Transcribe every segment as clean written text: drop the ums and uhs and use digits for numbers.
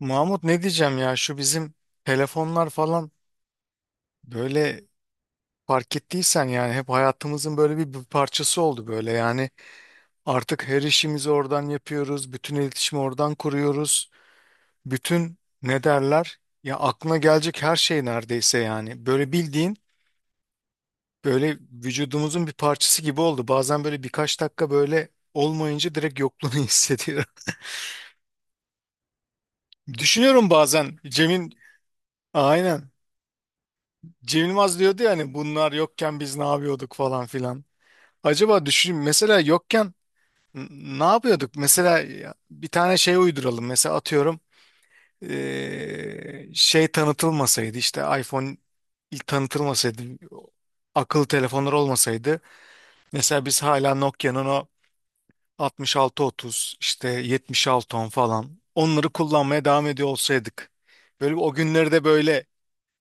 Mahmut ne diyeceğim ya şu bizim telefonlar falan böyle fark ettiysen yani hep hayatımızın böyle bir parçası oldu böyle yani artık her işimizi oradan yapıyoruz, bütün iletişimi oradan kuruyoruz, bütün ne derler ya aklına gelecek her şey neredeyse yani böyle bildiğin böyle vücudumuzun bir parçası gibi oldu. Bazen böyle birkaç dakika böyle olmayınca direkt yokluğunu hissediyorum, düşünüyorum bazen Cem'in, aynen, Cem Yılmaz diyordu ya hani bunlar yokken biz ne yapıyorduk falan filan. Acaba düşünün, mesela yokken n- ne yapıyorduk? Mesela ya, bir tane şey uyduralım. Mesela atıyorum şey tanıtılmasaydı, işte iPhone ilk tanıtılmasaydı, akıllı telefonlar olmasaydı, mesela biz hala Nokia'nın o 6630 işte 7610 falan, onları kullanmaya devam ediyor olsaydık. Böyle o günleri de böyle,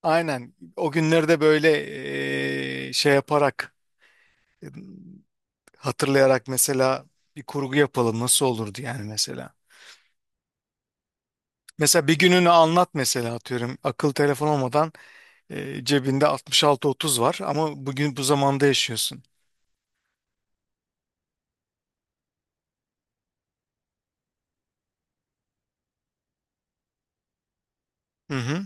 aynen o günleri de böyle şey yaparak, E, Hatırlayarak mesela, bir kurgu yapalım nasıl olurdu yani mesela. Mesela bir gününü anlat mesela, atıyorum, akıl telefon olmadan, cebinde 66-30 var ama bugün bu zamanda yaşıyorsun. Hı hı.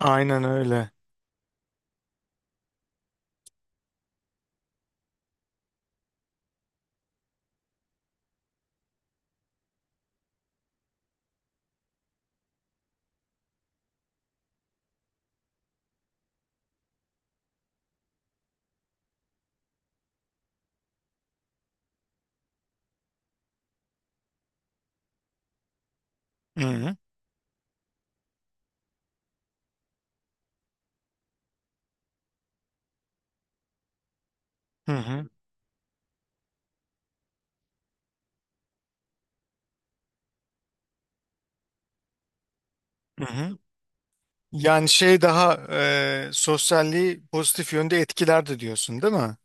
Aynen öyle. Hı hı. Hı hı. Hı hı. Yani şey, daha sosyalliği pozitif yönde etkilerdi diyorsun, değil mi?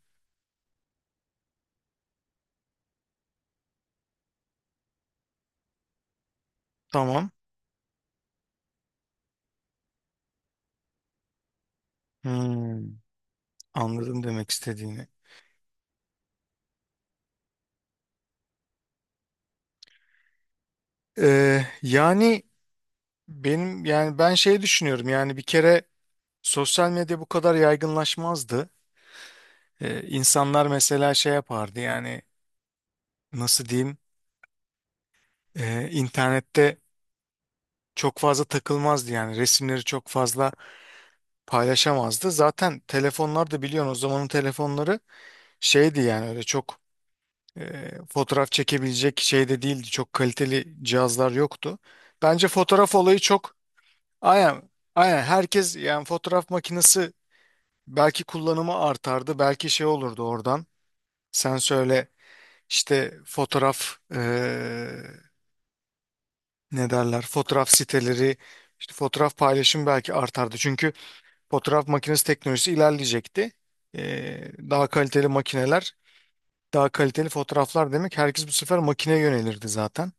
Tamam. Hmm, anladım demek istediğini. Yani benim, yani ben şey düşünüyorum yani, bir kere sosyal medya bu kadar yaygınlaşmazdı. İnsanlar mesela şey yapardı yani, nasıl diyeyim, internette çok fazla takılmazdı yani, resimleri çok fazla paylaşamazdı. Zaten telefonlar da biliyorsun, o zamanın telefonları şeydi yani, öyle çok fotoğraf çekebilecek şey de değildi. Çok kaliteli cihazlar yoktu. Bence fotoğraf olayı çok, aynen aynen, herkes yani fotoğraf makinesi belki kullanımı artardı, belki şey olurdu oradan. Sen söyle. İşte fotoğraf ne derler, fotoğraf siteleri, işte fotoğraf paylaşım belki artardı. Çünkü fotoğraf makinesi teknolojisi ilerleyecekti. Daha kaliteli makineler, daha kaliteli fotoğraflar demek, herkes bu sefer makineye yönelirdi zaten.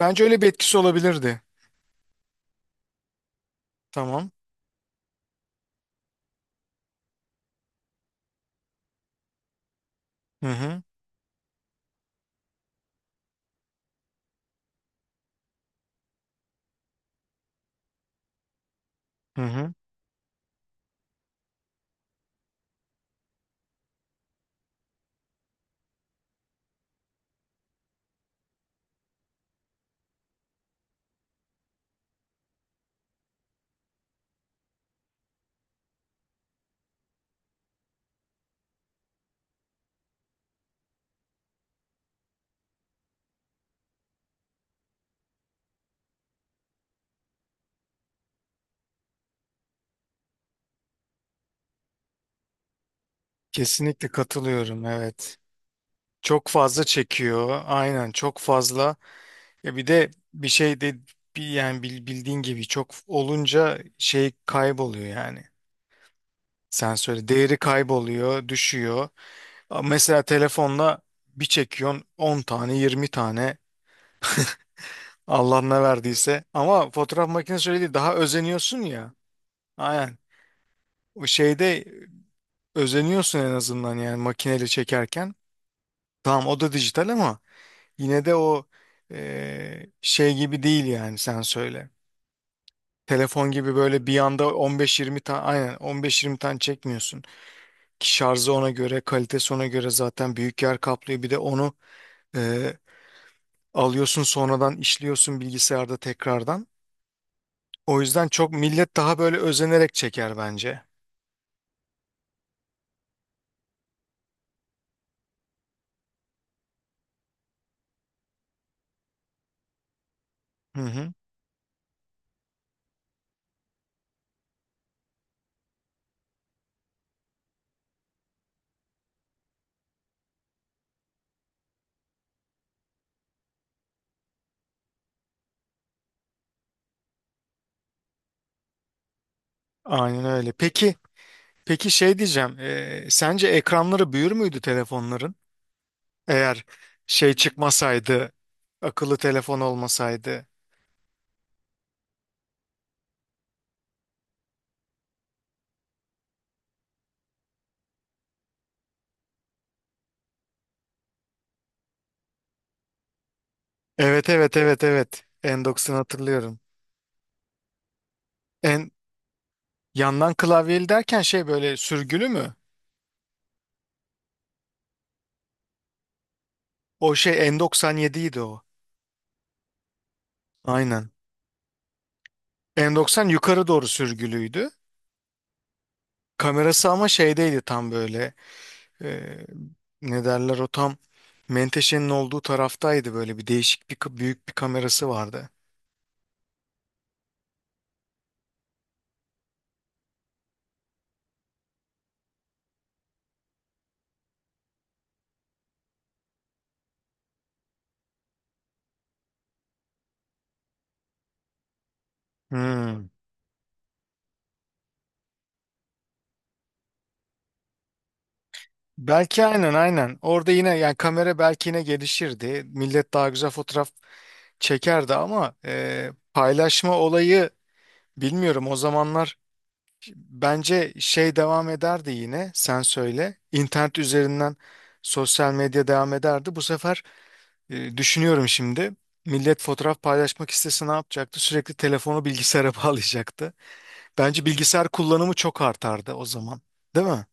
Bence öyle bir etkisi olabilirdi. Tamam. Hı hı. Hı hı. Kesinlikle katılıyorum, evet. Çok fazla çekiyor. Aynen, çok fazla. Ya bir de bir şey de, bir yani bildiğin gibi çok olunca şey kayboluyor yani. Sen söyle, değeri kayboluyor, düşüyor. Ama mesela telefonla bir çekiyorsun 10 tane, 20 tane, Allah ne verdiyse. Ama fotoğraf makinesi öyle değil, daha özeniyorsun ya. Aynen. O şeyde özeniyorsun en azından yani, makineyle çekerken. Tamam, o da dijital ama yine de o şey gibi değil yani, sen söyle. Telefon gibi böyle bir anda 15-20 tane, aynen 15-20 tane çekmiyorsun. Ki şarjı ona göre, kalitesi ona göre, zaten büyük yer kaplıyor. Bir de onu e, alıyorsun sonradan, işliyorsun bilgisayarda tekrardan. O yüzden çok millet daha böyle özenerek çeker bence. Hı hı. Aynen öyle. Peki, peki şey diyeceğim. Sence ekranları büyür müydü telefonların? Eğer şey çıkmasaydı, akıllı telefon olmasaydı. Evet, evet, evet, evet. Endox'unu hatırlıyorum. En yandan klavyeli derken şey, böyle sürgülü mü? O şey N97 idi o. Aynen. N90 yukarı doğru sürgülüydü. Kamerası ama şeydeydi tam, böyle e, ne derler, o tam menteşenin olduğu taraftaydı. Böyle bir değişik bir büyük bir kamerası vardı. Hmm. Belki, aynen aynen. Orada yine yani kamera belki yine gelişirdi, millet daha güzel fotoğraf çekerdi ama paylaşma olayı bilmiyorum o zamanlar. Bence şey devam ederdi yine, sen söyle, İnternet üzerinden sosyal medya devam ederdi. Bu sefer düşünüyorum şimdi, millet fotoğraf paylaşmak istese ne yapacaktı? Sürekli telefonu bilgisayara bağlayacaktı. Bence bilgisayar kullanımı çok artardı o zaman. Değil mi?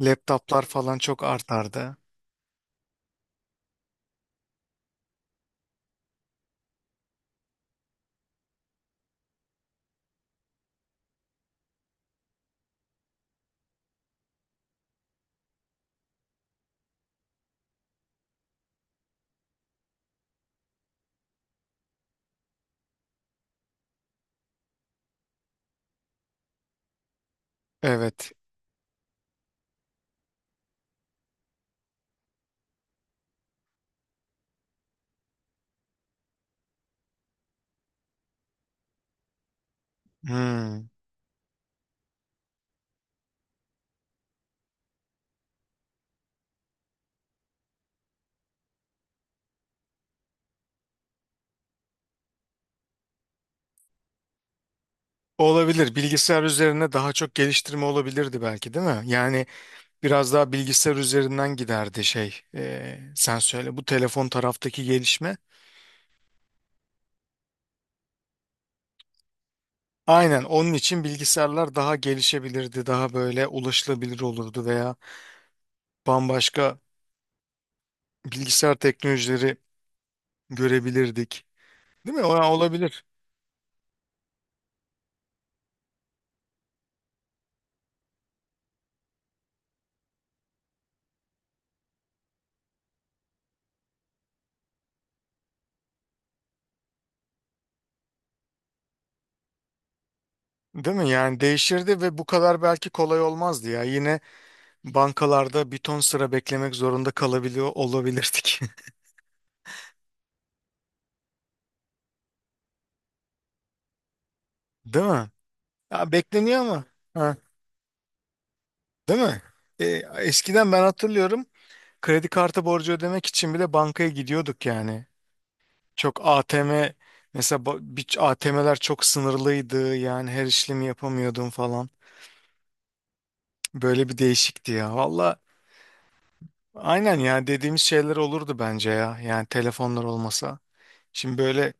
Laptoplar falan çok artardı. Evet. Hmm. Olabilir. Bilgisayar üzerine daha çok geliştirme olabilirdi belki, değil mi? Yani biraz daha bilgisayar üzerinden giderdi şey. Sen söyle bu telefon taraftaki gelişme. Aynen, onun için bilgisayarlar daha gelişebilirdi, daha böyle ulaşılabilir olurdu veya bambaşka bilgisayar teknolojileri görebilirdik. Değil mi? O olabilir. Değil mi? Yani değişirdi ve bu kadar belki kolay olmazdı ya. Yine bankalarda bir ton sıra beklemek zorunda kalabiliyor olabilirdik. Değil mi? Ya bekleniyor ama. Ha, değil mi? E, eskiden ben hatırlıyorum, kredi kartı borcu ödemek için bile bankaya gidiyorduk yani. Çok ATM mesela, bir ATM'ler çok sınırlıydı yani, her işlemi yapamıyordum falan. Böyle bir değişikti ya. Valla aynen ya, dediğimiz şeyler olurdu bence ya, yani telefonlar olmasa. Şimdi böyle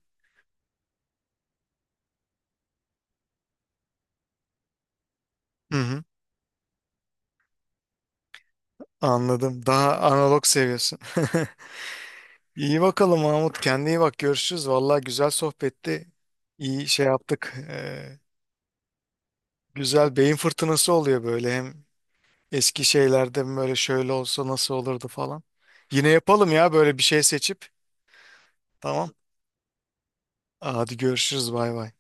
hı hı, anladım. Daha analog seviyorsun. İyi bakalım Mahmut, kendine iyi bak, görüşürüz. Valla güzel sohbetti, İyi şey yaptık. Güzel beyin fırtınası oluyor böyle hem, eski şeylerde mi böyle şöyle olsa nasıl olurdu falan. Yine yapalım ya, böyle bir şey seçip. Tamam. Hadi görüşürüz, bay bay.